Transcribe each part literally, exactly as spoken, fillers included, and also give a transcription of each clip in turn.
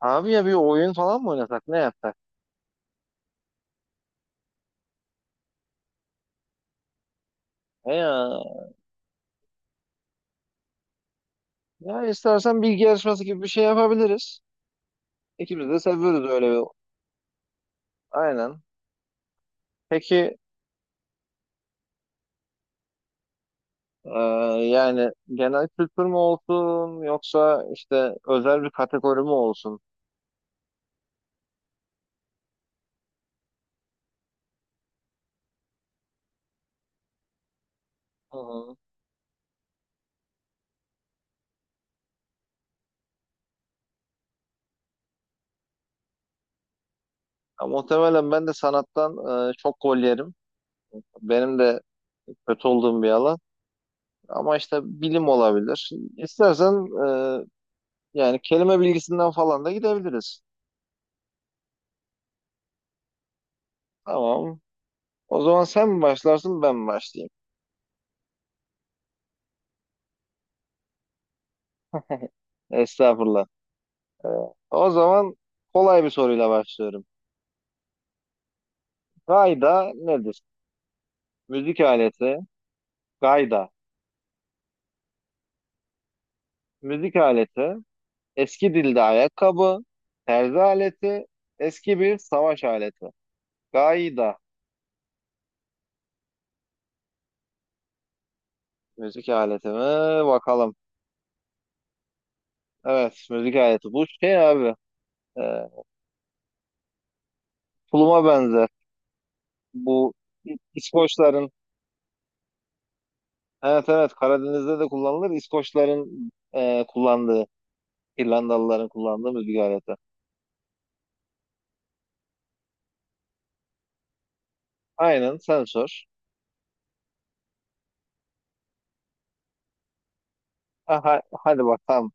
Abi ya bir oyun falan mı oynasak? Ne yapsak? He ya. Ya istersen bilgi yarışması gibi bir şey yapabiliriz. İkimiz de seviyoruz öyle bir. Aynen. Peki. e, Yani genel kültür mü olsun yoksa işte özel bir kategori mi olsun? Hı hı. Ya muhtemelen ben de sanattan e, çok gol yerim. Benim de kötü olduğum bir alan. Ama işte bilim olabilir. İstersen e, yani kelime bilgisinden falan da gidebiliriz. Tamam. O zaman sen mi başlarsın ben mi başlayayım? Estağfurullah. Ee, O zaman kolay bir soruyla başlıyorum. Gayda nedir? Müzik aleti, gayda. Müzik aleti, eski dilde ayakkabı, terzi aleti, eski bir savaş aleti. Gayda müzik aleti mi? Bakalım. Evet, müzik aleti. Bu şey abi, e, tuluma benzer. Bu İ- İskoçların, evet, evet, Karadeniz'de de kullanılır. İskoçların, e, kullandığı, İrlandalıların kullandığı müzik aleti. Aynen, sen sor. Ha, ha- hadi bakalım.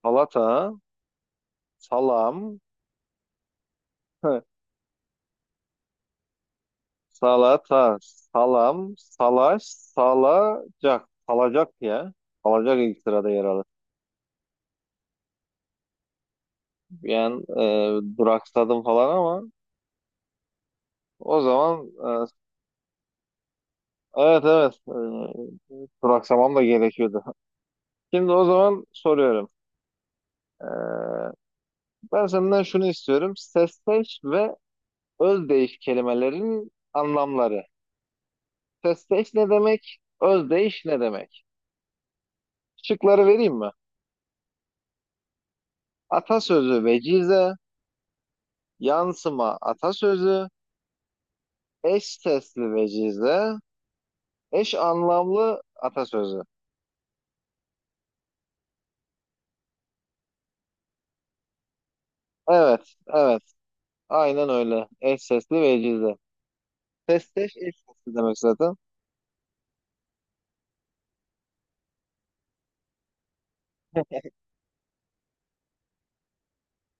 Salata, salam, hı, salata, salam, salaş, salacak. Salacak ya. Salacak ilk sırada yer alır. Yani e, duraksadım falan ama o zaman, e, evet, evet, e, duraksamam da gerekiyordu. Şimdi o zaman soruyorum. E, Ben senden şunu istiyorum. Sesteş ve özdeyiş kelimelerin anlamları. Sesteş ne demek? Özdeyiş ne demek? Şıkları vereyim mi? Atasözü vecize, yansıma atasözü, eş sesli vecize, eş anlamlı atasözü. Evet, evet. Aynen öyle. Eş sesli vecize. Sesteş eş sesli demek zaten.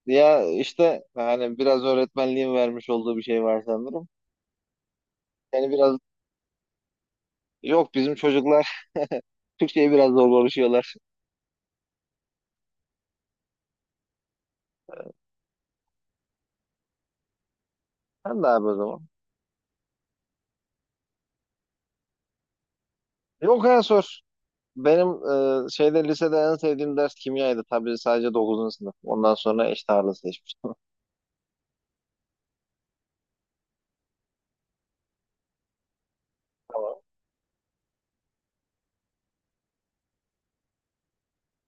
Ya işte hani biraz öğretmenliğin vermiş olduğu bir şey var sanırım. Yani biraz yok bizim çocuklar Türkçe'yi biraz zor konuşuyorlar. Sen de abi o zaman. Yok ya sor. Benim e, şeyde, lisede en sevdiğim ders kimyaydı. Tabii sadece dokuzuncu sınıf. Ondan sonra eş ağırlığı seçmiştim. Tamam.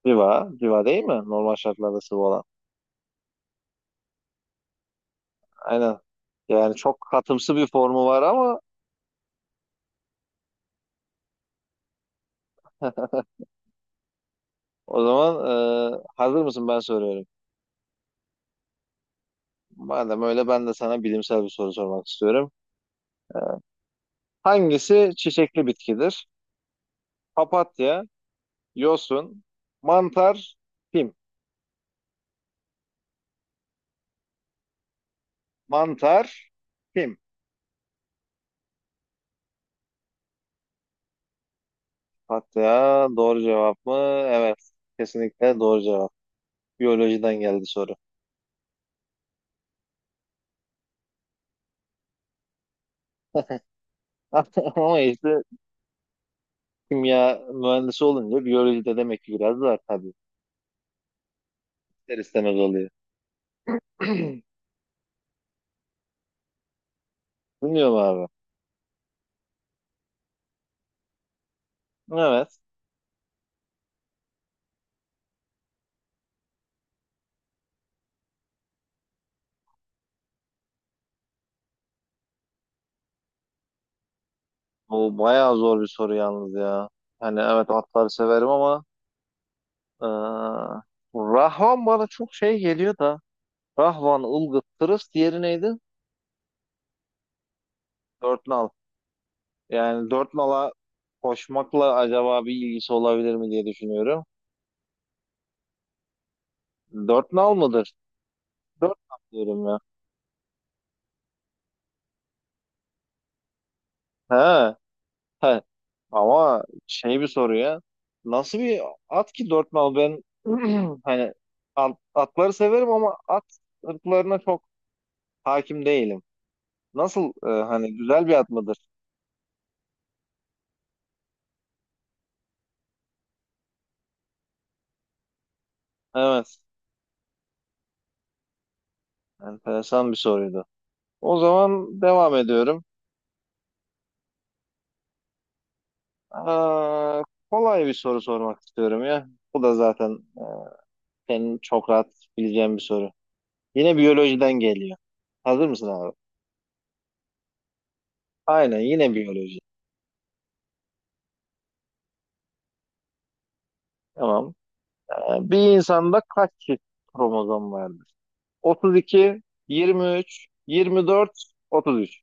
Civa, civa değil mi? Normal şartlarda sıvı olan. Aynen. Yani çok katımsı bir formu var ama o zaman, e, hazır mısın ben soruyorum. Madem öyle ben de sana bilimsel bir soru sormak istiyorum. Hangisi çiçekli bitkidir? Papatya, yosun, mantar, pim. Mantar, pim. Papatya doğru cevap mı? Evet. Kesinlikle doğru cevap. Biyolojiden geldi soru. Ama işte kimya mühendisi olunca biyolojide demek ki biraz var tabii. İster istemez oluyor. Bilmiyorum abi. Evet. Bu bayağı zor bir soru yalnız ya. Hani evet atları severim ama eee, Rahvan bana çok şey geliyor da, Rahvan, Ilgıt, Tırıs, diğeri neydi? Dört nal. Yani dört nala koşmakla acaba bir ilgisi olabilir mi diye düşünüyorum. Dört nal mıdır? Dört nal diyorum ya. He. He. Ama şey bir soru ya. Nasıl bir at ki dört nal? Ben hani at- atları severim ama at ırklarına çok hakim değilim. Nasıl, e, hani güzel bir at mıdır? Evet. Enteresan bir soruydu. O zaman devam ediyorum. Aa, kolay bir soru sormak istiyorum ya. Bu da zaten e, senin çok rahat bileceğin bir soru. Yine biyolojiden geliyor. Hazır mısın abi? Aynen, yine biyoloji. Tamam. Yani bir insanda kaç çift kromozom vardır? otuz iki, yirmi üç, yirmi dört, otuz üç.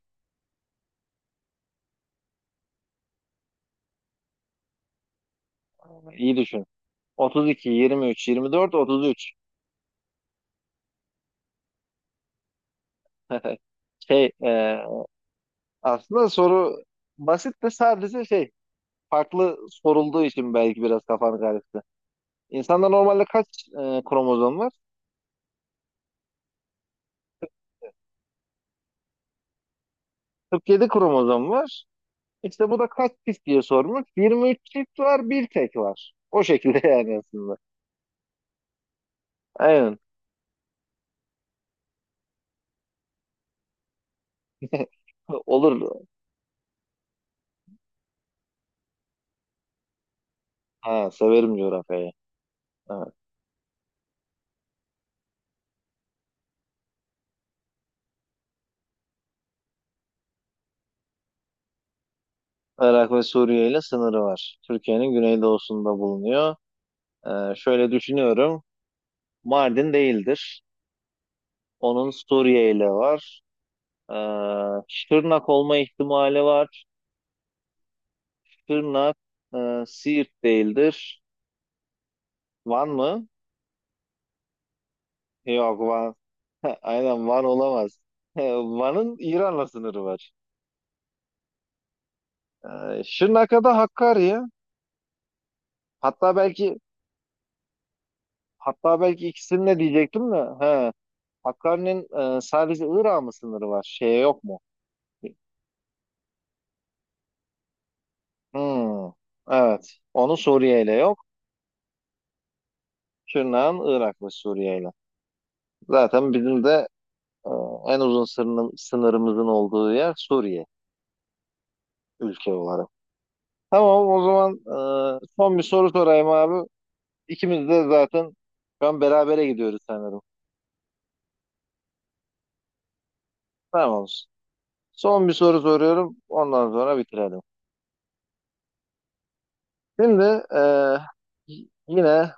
İyi düşün. otuz iki, yirmi üç, yirmi dört, otuz üç. Şey, e, aslında soru basit de sadece şey, farklı sorulduğu için belki biraz kafanı karıştı. İnsanda normalde kaç e, kromozom var? kırk yedi kromozom var. İşte bu da kaç çift diye sormuş. yirmi üç çift var, bir tek var. O şekilde yani aslında. Aynen. Olur. Ha, severim coğrafyayı. Evet. Irak ve Suriye ile sınırı var. Türkiye'nin güneydoğusunda bulunuyor. Ee, şöyle düşünüyorum. Mardin değildir. Onun Suriye ile var. Ee, Şırnak olma ihtimali var. Şırnak, e, Siirt değildir. Van mı? Yok, Van. Aynen Van olamaz. Van'ın İran'la sınırı var. Ee, Şırnak'a da Hakkari. Hatta belki hatta belki ikisini de diyecektim de. He. Hakkari'nin e, sadece Irak'a mı sınırı var? Şeye yok mu? Hmm, evet. Onu Suriye ile yok. Şırnak'ın Irak ve Suriye ile. Zaten bizim de e, en uzun sınırın- sınırımızın olduğu yer Suriye, ülke olarak. Tamam, o zaman e, son bir soru sorayım abi. İkimiz de zaten şu an berabere gidiyoruz sanırım. Tamam. Son bir soru soruyorum. Ondan sonra bitirelim. Şimdi e, y- yine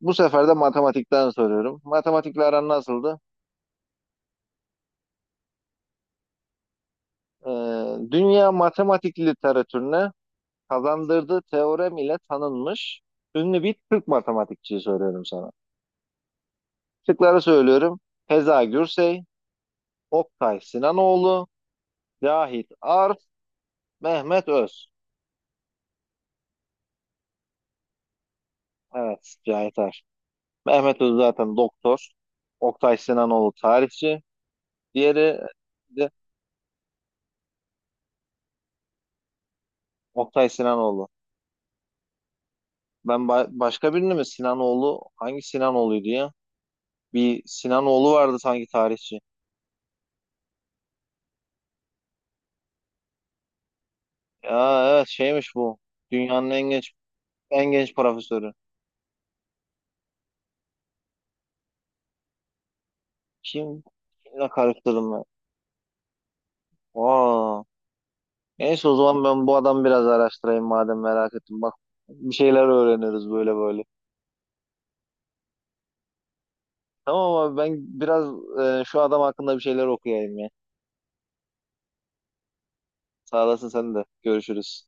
bu sefer de matematikten soruyorum. Matematikle aran nasıldı? Ee, Dünya matematik literatürüne kazandırdığı teorem ile tanınmış ünlü bir Türk matematikçiyi söylüyorum sana. Şıkları söylüyorum. Feza Gürsey, Oktay Sinanoğlu, Cahit Arf, Mehmet Öz. Evet, Cahit Arf. Mehmet Öz zaten doktor. Oktay Sinanoğlu tarihçi. Diğeri de Oktay Sinanoğlu. Ben ba- başka birini mi Sinanoğlu? Hangi Sinanoğlu'ydu ya? Bir Sinanoğlu vardı sanki tarihçi. Ya evet şeymiş bu. Dünyanın en genç en genç profesörü. Kim? Kimle karıştırdım ben? Aa. Neyse, o zaman ben bu adamı biraz araştırayım madem merak ettim. Bak, bir şeyler öğreniriz böyle böyle. Tamam abi, ben biraz e, şu adam hakkında bir şeyler okuyayım ya. Sağ olasın sen de. Görüşürüz.